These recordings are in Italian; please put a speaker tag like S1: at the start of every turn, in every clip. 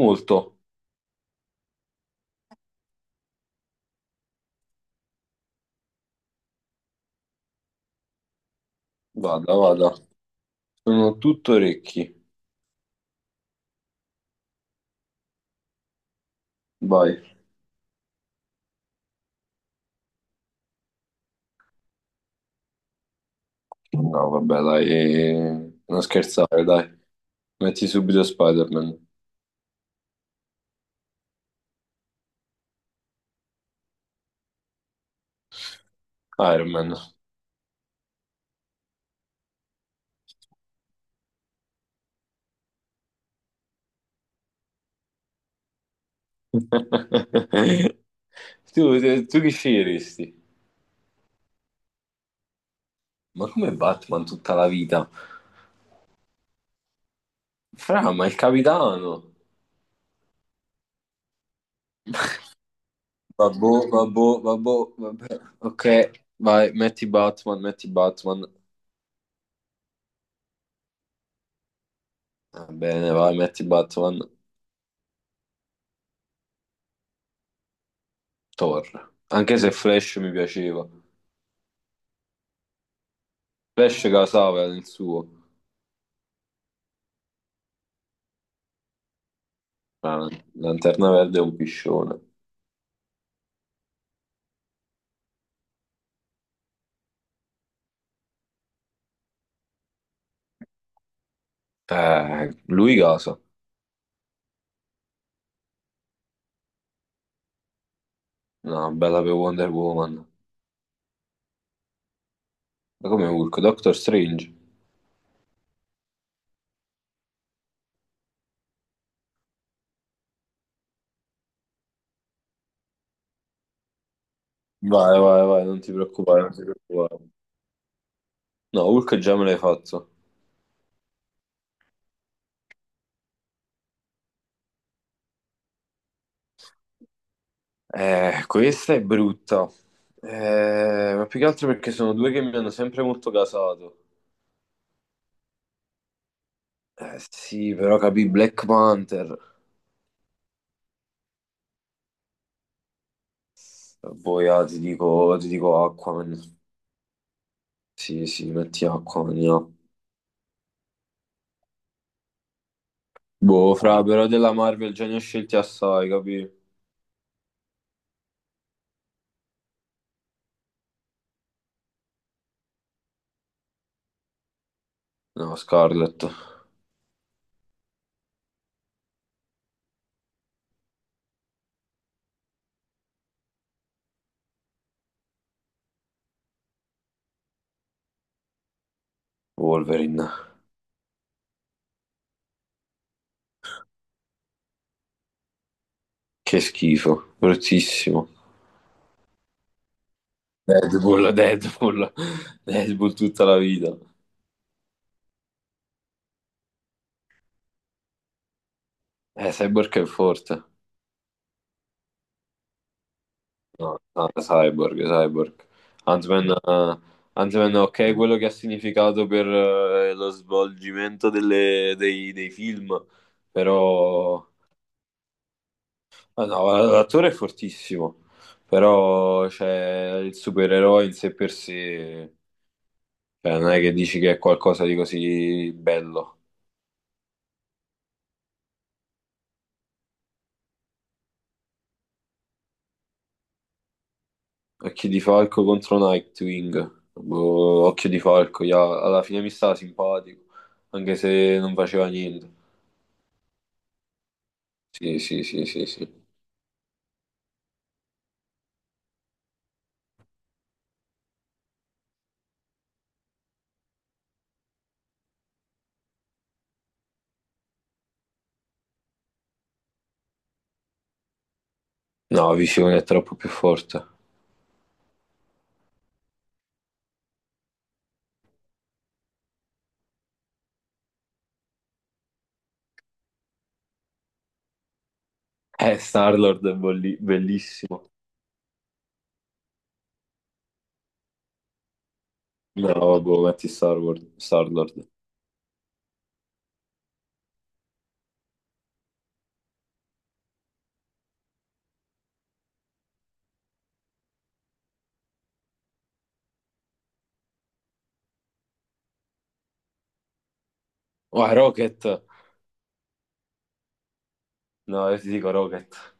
S1: Molto. Vada, vada. Sono tutto orecchi. Vai. No, vabbè, dai. Non scherzare, dai. Metti subito Spider-Man. Iron Man. Tu, tu chi sceglieresti? Ma come Batman tutta la vita? Fra, ma il capitano. Vabbò, vabbò, vabbò, vabbè. Ok, vai, metti Batman, metti Batman. Va bene, vai, metti Batman. Thor. Anche se Flash mi piaceva. Flash casava nel suo. La Lanterna Verde è un piscione. Lui casa. No, bella per Wonder Woman. Ma come Hulk? Doctor Strange. Vai, vai, vai, non ti preoccupare, non ti preoccupare. No, Hulk già me l'hai fatto. Questa è brutta. Ma più che altro perché sono due che mi hanno sempre molto casato. Eh sì, però capì Black Panther. Poi ah, ti dico Aquaman. Sì, sì, metti Aquaman, no. Boh, fra, però della Marvel già ne ho scelti assai, capì? No, Scarlet, Wolverine, che schifo, bruttissimo. Deadpool, Deadpool, Deadpool tutta la vita. Cyborg è forte. No, no, Cyborg, Cyborg. Ant-Man, Ant-Man, ok, quello che ha significato per lo svolgimento dei film, però... ah, no, l'attore è fortissimo, però cioè, il supereroe in sé per sé. Cioè, non è che dici che è qualcosa di così bello. Occhi di falco contro Nightwing. Boh, occhio di falco, ja, alla fine mi stava simpatico, anche se non faceva niente. Sì, sì, sì, sì, sì. No, Visione è troppo più forte. Star-Lord è bellissimo. No, boh, metti Star-Lord. Star-Lord. Oh, Rocket! No, io ti dico Rocket.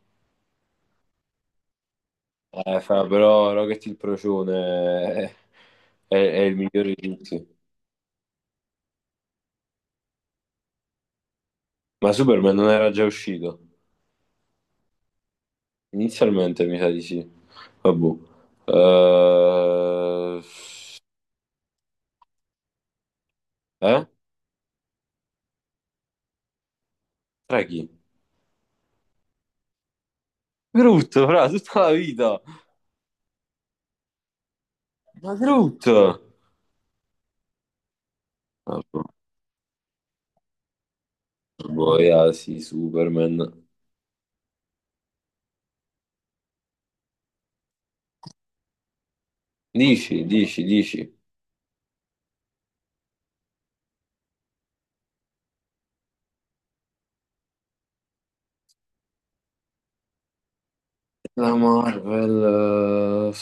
S1: Fra, però Rocket il procione è il migliore di tutti. Ma Superman non era già uscito? Inizialmente mi sa di sì. Vabbè. Eh? Eh? Tra chi? Brutto, fra, tutta la vita. Ma brutto. Poi, ah, boh, yeah, sì, Superman. Dici, dici, dici. La Marvel...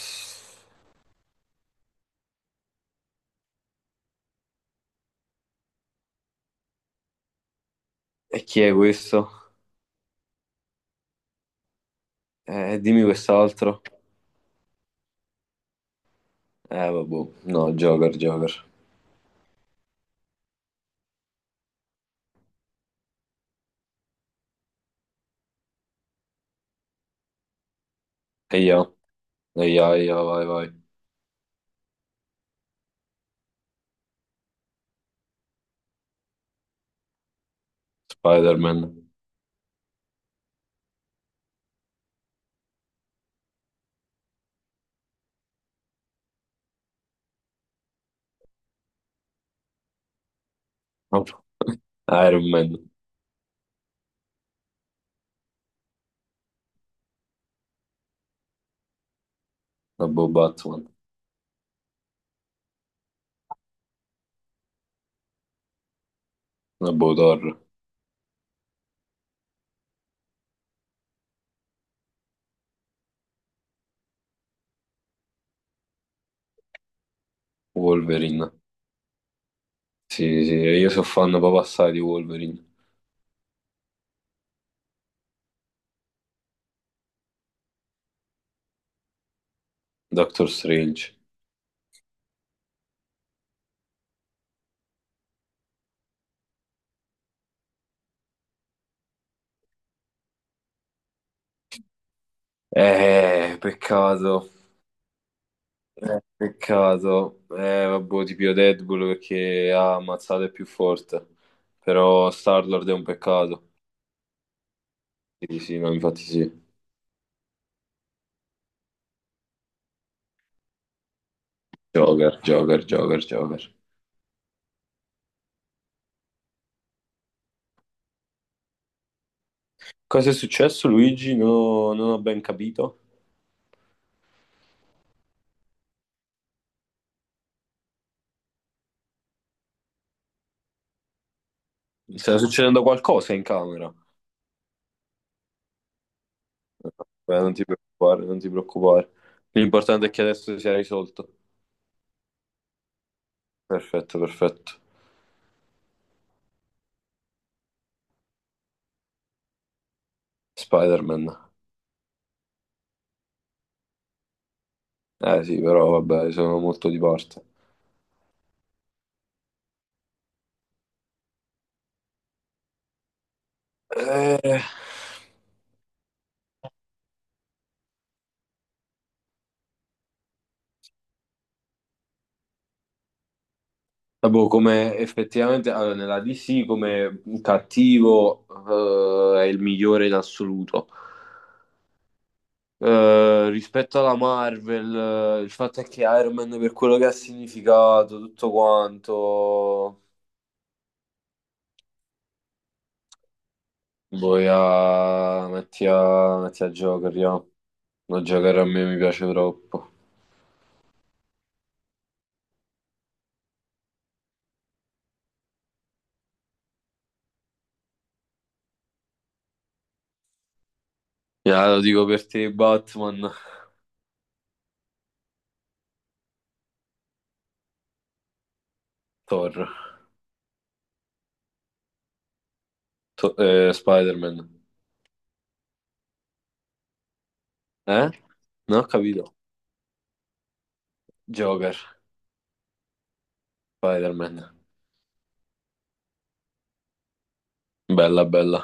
S1: E chi è questo? Dimmi quest'altro. Vabbè. No, Joker, Joker. E io? Vai, vai. Spider-Man. Vabbè. Iron Man. Vabbè, Batman. Vabbè, Thor. Wolverine. Sì, sì, io sono fan proprio assai di Wolverine. Doctor Strange. Peccato, peccato. Vabbè, ti pio Deadpool perché ha ammazzato è più forte. Però Star-Lord è un peccato. Sì, sì, no, infatti sì. Joker, Joker, Joker, Joker. Cosa è successo, Luigi? Non ho ben capito. Sta succedendo qualcosa in camera. Beh, non ti preoccupare, non ti preoccupare. L'importante è che adesso sia risolto. Perfetto, perfetto. Spider-Man. Eh sì, però vabbè, sono molto di parte. Eh, boh, come effettivamente allora, nella DC come cattivo è il migliore in assoluto. Rispetto alla Marvel, il fatto è che Iron Man per quello che ha significato, tutto quanto, poi a... Metti, a... metti a Joker, io. No, Joker a me mi piace troppo. Ya, lo dico per te, Batman, Thor, Spider-Man. Eh? Non ho capito. Joker, Spider-Man. Bella, bella.